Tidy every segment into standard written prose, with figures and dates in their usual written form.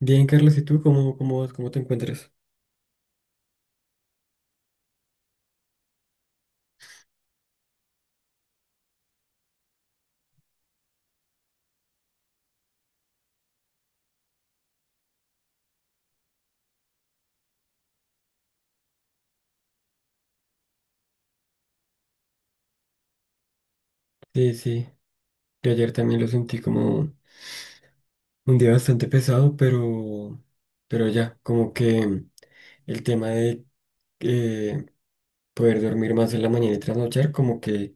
Bien, Carlos, ¿y tú cómo vas? ¿Cómo te encuentras? Sí, sí. Yo ayer también lo sentí como un día bastante pesado, pero ya, como que el tema de eh, poder dormir más en la mañana y trasnochar, como que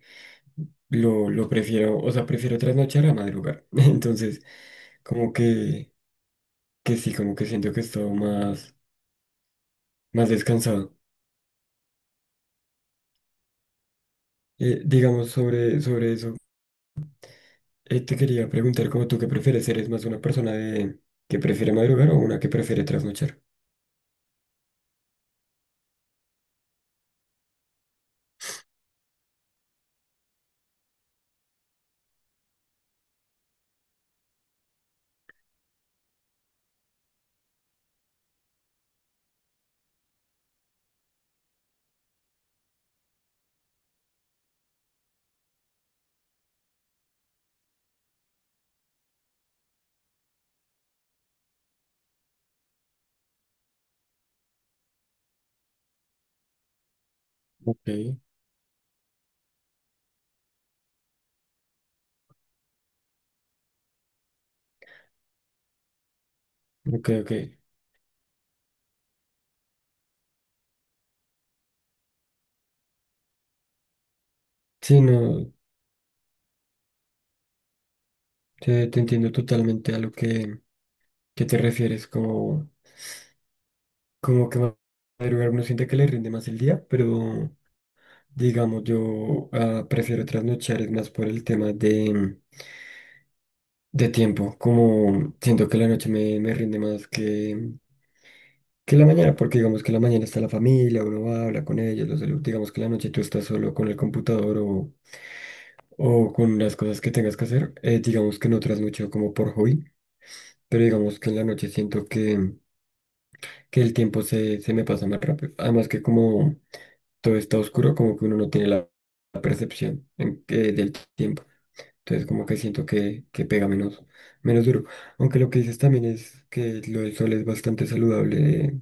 lo prefiero, o sea, prefiero trasnochar a madrugar. Entonces, como que, que sí, como que siento que he estado más descansado. Digamos sobre eso. Te quería preguntar, ¿cómo tú qué prefieres? ¿Eres más una persona de que prefiere madrugar o una que prefiere trasnochar? Ok, ok, ok. Sí, no, te entiendo totalmente a lo que te refieres, como que madrugar uno siente que le rinde más el día, pero digamos, yo prefiero trasnochar, es más por el tema de tiempo, como siento que la noche me rinde más que en la mañana, porque digamos que en la mañana está la familia, uno va, habla con ellos, los saluda, digamos que en la noche tú estás solo con el computador o con las cosas que tengas que hacer, digamos que no trasnocho como por hobby, pero digamos que en la noche siento que el tiempo se me pasa más rápido, además que como todo está oscuro, como que uno no tiene la percepción del tiempo, entonces como que siento que pega menos, menos duro, aunque lo que dices también es que lo del sol es bastante saludable.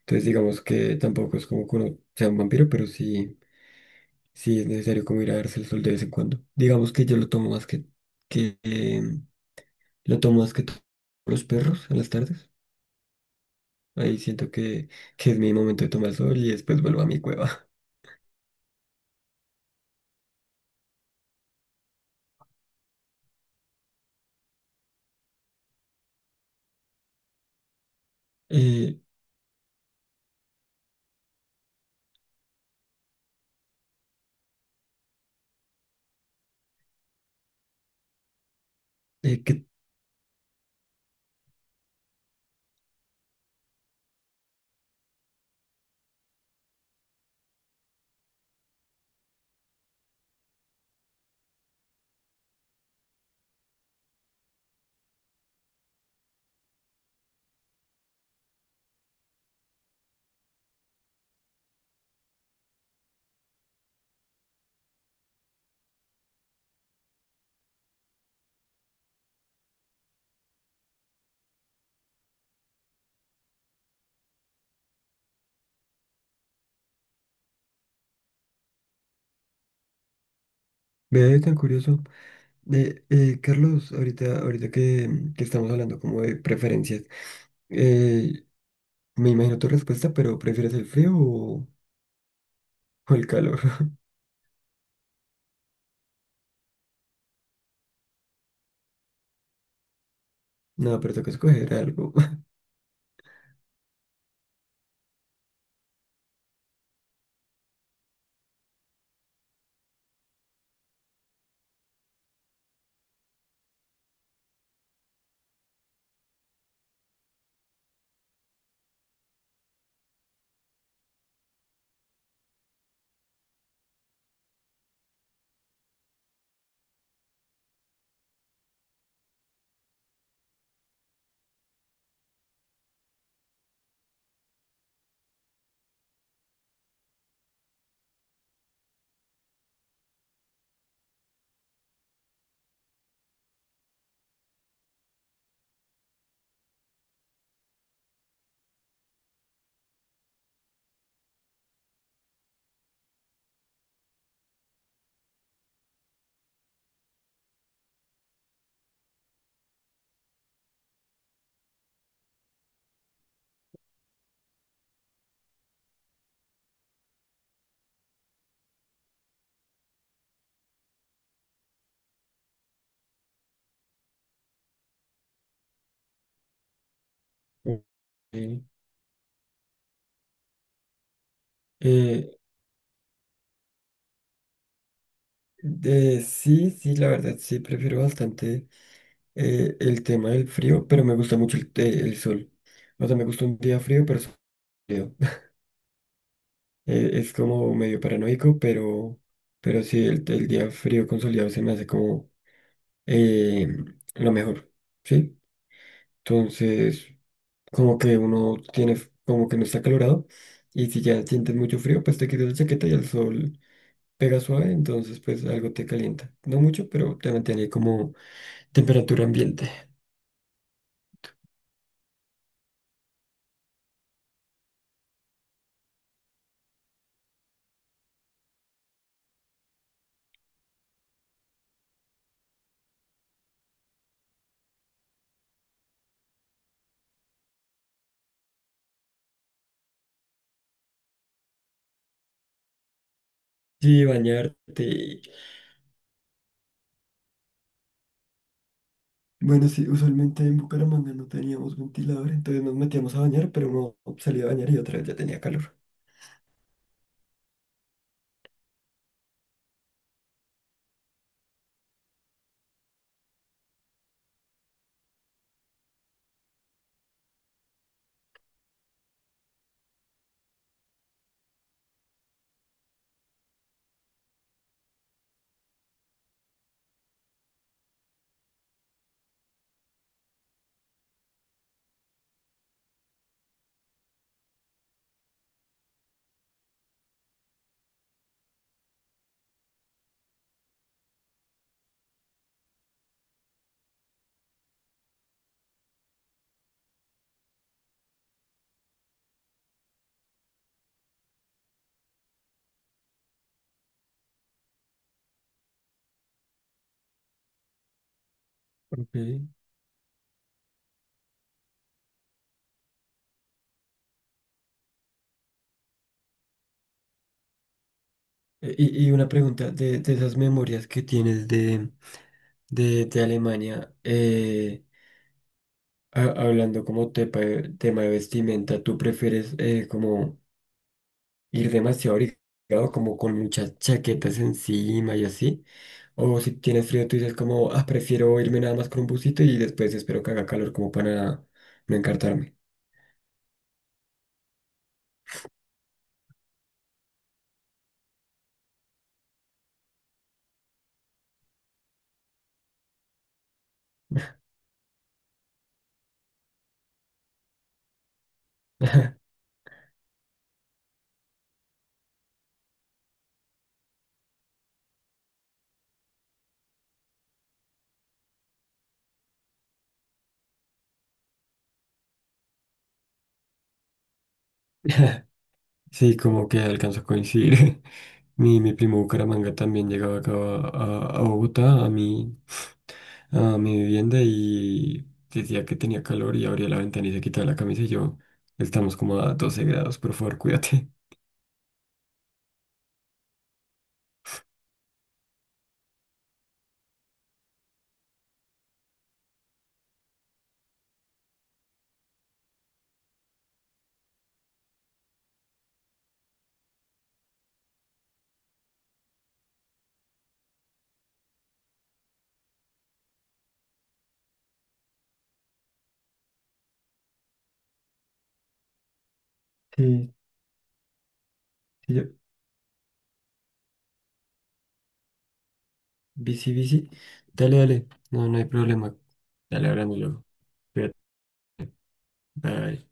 Entonces digamos que tampoco es como que uno sea un vampiro, pero sí, sí es necesario como ir a darse el sol de vez en cuando. Digamos que yo lo tomo más que lo tomo más que los perros en las tardes. Ahí siento que es mi momento de tomar sol y después vuelvo a mi cueva. Eh, que me ve tan curioso. Carlos, ahorita que, que estamos hablando como de preferencias, eh, me imagino tu respuesta, pero ¿prefieres el frío o el calor? No, pero tengo que escoger algo. Ok. Eh, sí, sí, la verdad, sí, prefiero bastante el tema del frío, pero me gusta mucho el, el sol. O sea, me gusta un día frío, pero soleado. Es como medio paranoico, pero sí, el día frío con soleado se me hace como eh, lo mejor, ¿sí? Entonces, como que uno tiene, como que no está acalorado, y si ya sientes mucho frío, pues te quitas la chaqueta y el sol pega suave, entonces pues algo te calienta. No mucho, pero te mantiene como temperatura ambiente. Sí, bañarte. Y, bueno, sí, usualmente en Bucaramanga no teníamos ventilador, entonces nos metíamos a bañar, pero uno salía a bañar y otra vez ya tenía calor. Ok. E, y una pregunta de esas memorias que tienes de Alemania, hablando como tema de vestimenta, ¿tú prefieres como ir demasiado abrigado, como con muchas chaquetas encima y así? O si tienes frío, tú dices como, ah, prefiero irme nada más con un busito y después espero que haga calor como para no encartarme. Sí, como que alcanzo a coincidir. Mi primo Bucaramanga también llegaba acá a Bogotá, a mi vivienda y decía que tenía calor y abría la ventana y se quitaba la camisa y yo, estamos como a 12 grados, por favor, cuídate. Sí, sí. Bici, bici. Dale, dale. No, no hay problema. Dale, hablamos luego. Cuídate. Bye.